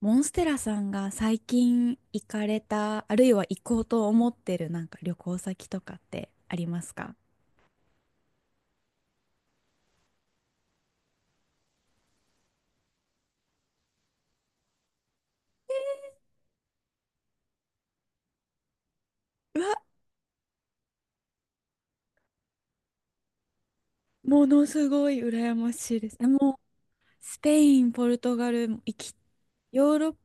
モンステラさんが最近行かれた、あるいは行こうと思ってるなんか旅行先とかってありますか？うわ、ものすごい羨ましいです。えもう、スペイン、ポルトガル行き、ヨーロッパ、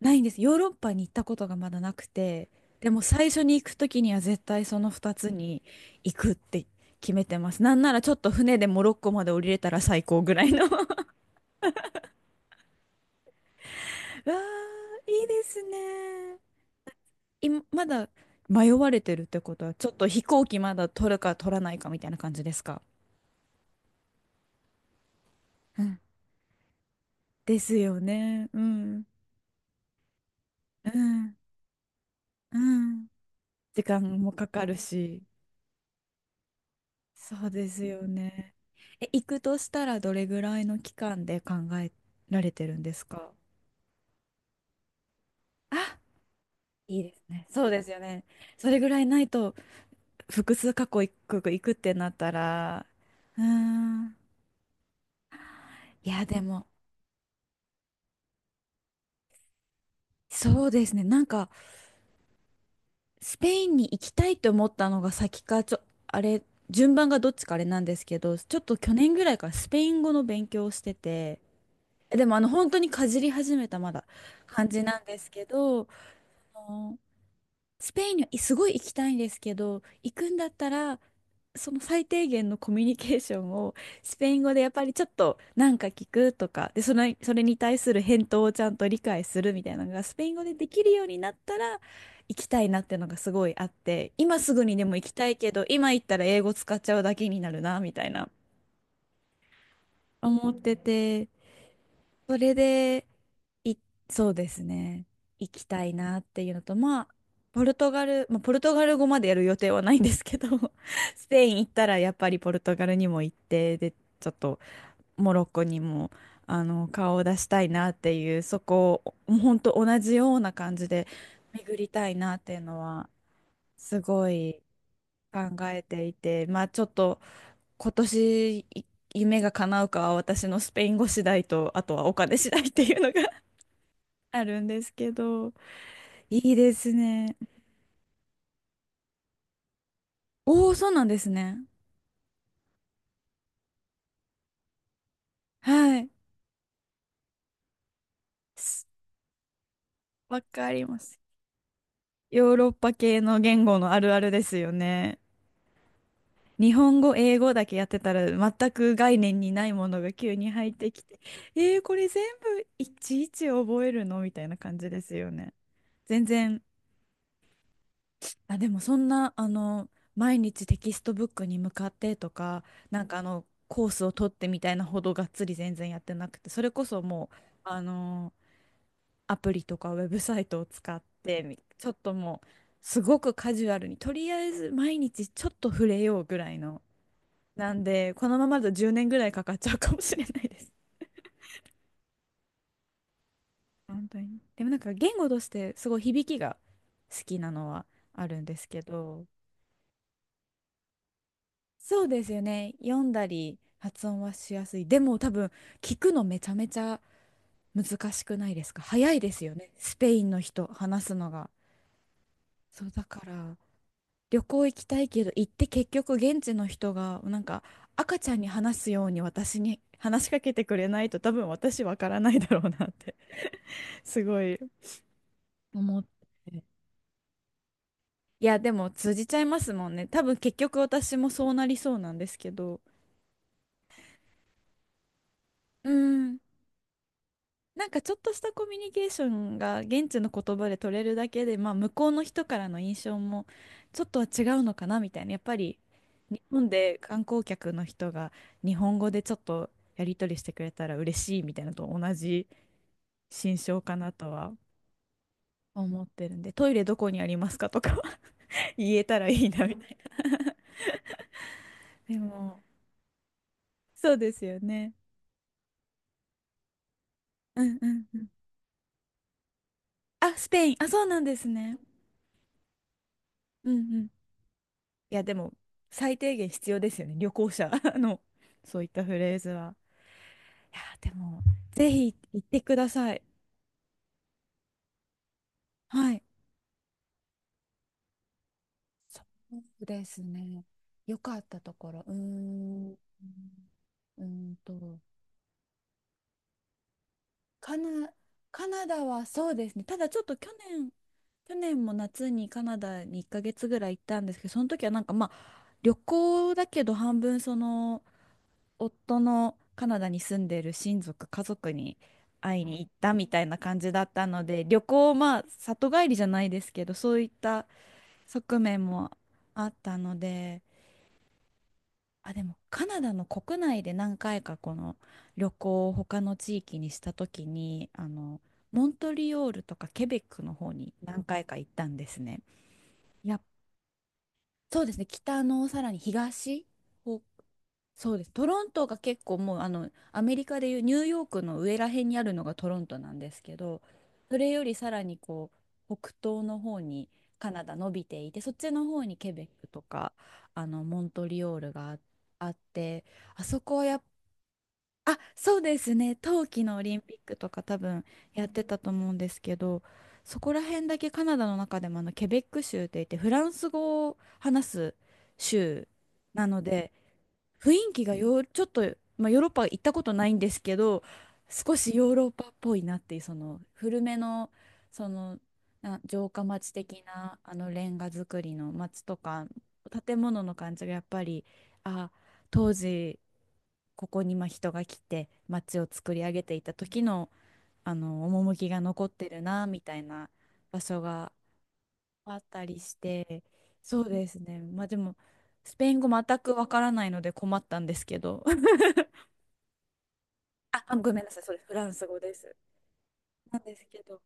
ないんです。ヨーロッパに行ったことがまだなくて、でも最初に行くときには絶対その2つに行くって決めてます。なんならちょっと船でモロッコまで降りれたら最高ぐらいのう わー、いいですね。い、まだ迷われてるってことは、ちょっと飛行機まだ取るか取らないかみたいな感じですか？うんですよね。うん。うん。うん。時間もかかるし。そうですよね。え、行くとしたらどれぐらいの期間で考えられてるんですか？あ、いいですね。そうですよね。それぐらいないと、複数過去行く、行くってなったら、うーん。いや、でも、そうですね。スペインに行きたいと思ったのが先か、ちょ、あれ、順番がどっちかあれなんですけど、ちょっと去年ぐらいからスペイン語の勉強をしてて、でも本当にかじり始めたまだ感じなんですけど、スペインにはすごい行きたいんですけど、行くんだったら、その最低限のコミュニケーションをスペイン語でやっぱりちょっとなんか聞くとか、で、それに対する返答をちゃんと理解するみたいなのがスペイン語でできるようになったら行きたいなっていうのがすごいあって、今すぐにでも行きたいけど、今行ったら英語使っちゃうだけになるな、みたいな思ってて、それで、い、そうですね。行きたいなっていうのと、まあ、ポルトガル語までやる予定はないんですけど、スペイン行ったらやっぱりポルトガルにも行って、で、ちょっとモロッコにも、顔を出したいなっていう、そこを、もうほんと同じような感じで巡りたいなっていうのは、すごい考えていて、まあ、ちょっと今年い夢が叶うかは私のスペイン語次第と、あとはお金次第っていうのがあるんですけど、いいですね。おお、そうなんですね。はい。すわかります。ヨーロッパ系の言語のあるあるですよね。日本語、英語だけやってたら全く概念にないものが急に入ってきて、えー、これ全部いちいち覚えるのみたいな感じですよね。全然あ、でもそんな、あの、毎日テキストブックに向かってとか、コースを取ってみたいなほどがっつり全然やってなくて、それこそもう、あの、アプリとかウェブサイトを使ってみ、ちょっともう、すごくカジュアルに、とりあえず毎日ちょっと触れようぐらいの、なんで、このままだと10年ぐらいかかっちゃうかもしれないです。本当に。でもなんか言語としてすごい響きが好きなのはあるんですけど、そうですよね。読んだり発音はしやすい。でも多分聞くのめちゃめちゃ難しくないですか。早いですよね。スペインの人話すのが。そうだから旅行行きたいけど行って結局現地の人がなんか赤ちゃんに話すように私に 話しかけてくれないと多分私わからないだろうなって すごい思って。いやでも通じちゃいますもんね。多分結局私もそうなりそうなんですけど。うん、なんかちょっとしたコミュニケーションが現地の言葉で取れるだけで、まあ、向こうの人からの印象もちょっとは違うのかなみたいな、やっぱり日本で観光客の人が日本語でちょっとやり取りしてくれたら嬉しいみたいなのと同じ心象かなとは思ってるんで、トイレどこにありますかとかは 言えたらいいなみたいな。でもそうですよね。うんうんうん。あスペイン、あ、そうなんですね。うんうん。いや、でも、最低限必要ですよね。旅行者 の、そういったフレーズは。いや、でも、ぜひ行ってください。はい。そうですね。良かったところ。うーん。うーんと、カナ、カナダはそうですね。ただちょっと去年、去年も夏にカナダに1ヶ月ぐらい行ったんですけど、その時はなんかまあ、旅行だけど半分その、夫のカナダに住んでる親族、家族に会いに行ったみたいな感じだったので、旅行、まあ、里帰りじゃないですけど、そういった側面もあったので、あ、でもカナダの国内で何回かこの旅行を他の地域にした時に、モントリオールとかケベックの方に何回か行ったんですね。いや、そうですね、北のさらに東、そうです。トロントが結構もうあのアメリカでいうニューヨークの上ら辺にあるのがトロントなんですけど、それよりさらにこう北東の方にカナダ伸びていて、そっちの方にケベックとかあのモントリオールがあって、あそこはやっあ、そうですね。冬季のオリンピックとか多分やってたと思うんですけど、そこら辺だけカナダの中でもあのケベック州って言ってフランス語を話す州なので。雰囲気がよ、ちょっと、まあ、ヨーロッパ行ったことないんですけど、少しヨーロッパっぽいなっていう、その古めの、その、な城下町的なあのレンガ造りの町とか、建物の感じがやっぱり、あ、当時、ここにまあ人が来て町を作り上げていた時の、あの趣が残ってるなみたいな場所があったりして、そうですね。まあでも、スペイン語全くわからないので困ったんですけど。あ、ごめんなさい、それフランス語です。なんですけど、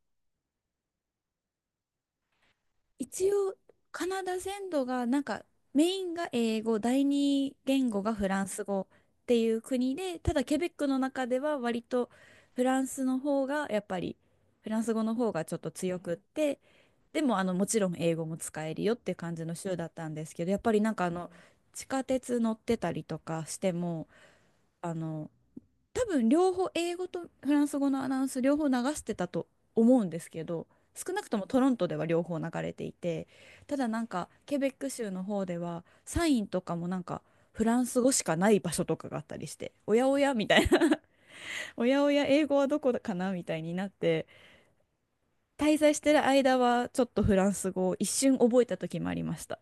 一応カナダ全土がなんかメインが英語、第二言語がフランス語っていう国で、ただケベックの中では割とフランスの方がやっぱり、フランス語の方がちょっと強くって、でもあのもちろん英語も使えるよって感じの州だったんですけど、やっぱりなんかあの地下鉄乗ってたりとかしてもあの多分両方英語とフランス語のアナウンス両方流してたと思うんですけど、少なくともトロントでは両方流れていて、ただなんかケベック州の方ではサインとかもなんかフランス語しかない場所とかがあったりして、おやおやみたいな おやおや英語はどこかなみたいになって、滞在してる間はちょっとフランス語を一瞬覚えた時もありました。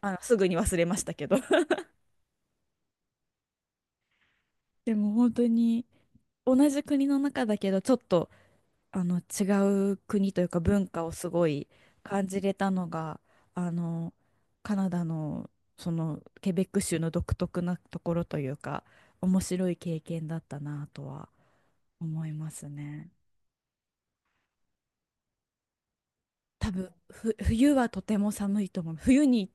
あのすぐに忘れましたけど でも本当に同じ国の中だけどちょっとあの違う国というか文化をすごい感じれたのがあのカナダのそのケベック州の独特なところというか面白い経験だったなとは思いますね。多分冬はとても寒いと思う。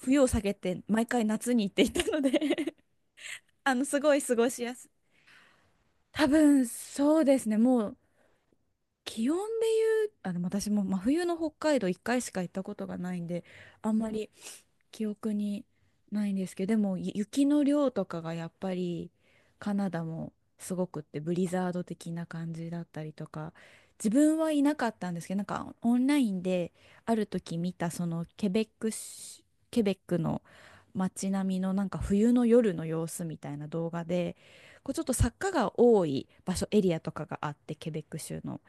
冬を避けて毎回夏に行っていたので あのすごい過ごしやすい。多分そうですね。もう気温で言う、あ、でも私も真冬の北海道1回しか行ったことがないんで、あんまり記憶にないんですけど、でも雪の量とかがやっぱりカナダもすごくってブリザード的な感じだったりとか、自分はいなかったんですけど、なんかオンラインである時見た、そのケベックの街並みのなんか冬の夜の様子みたいな動画で、こうちょっと坂が多い場所、エリアとかがあって、ケベック州の。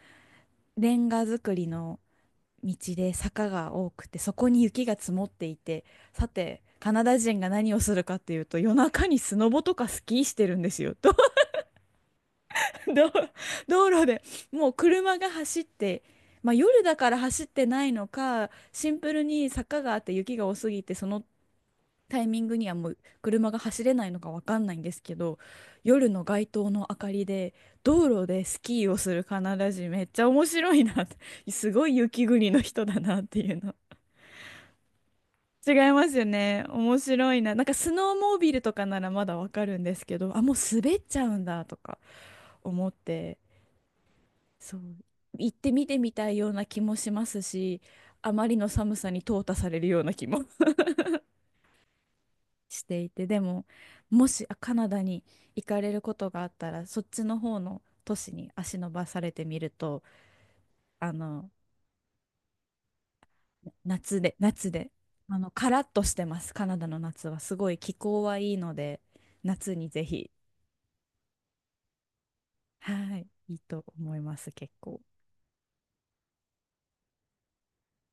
レンガ造りの道で坂が多くて、そこに雪が積もっていて、さて、カナダ人が何をするかっていうと、夜中にスノボとかスキーしてるんですよ。道 道道路で、もう車が走って、まあ夜だから走ってないのか、シンプルに坂があって雪が多すぎて、そのタイミングにはもう車が走れないのかわかんないんですけど、夜の街灯の明かりで道路でスキーをするカナダ人めっちゃ面白いなって、すごい雪国の人だなっていうの、違いますよね、面白いな。なんかスノーモービルとかならまだわかるんですけど、あもう滑っちゃうんだとか思って、そう、行ってみてみたいような気もしますし、あまりの寒さに淘汰されるような気もしていて、でももしあカナダに行かれることがあったら、そっちの方の都市に足伸ばされてみると。あの夏で、あのカラッとしてます、カナダの夏はすごい気候はいいので、夏にぜひ。はい、いいと思います結構。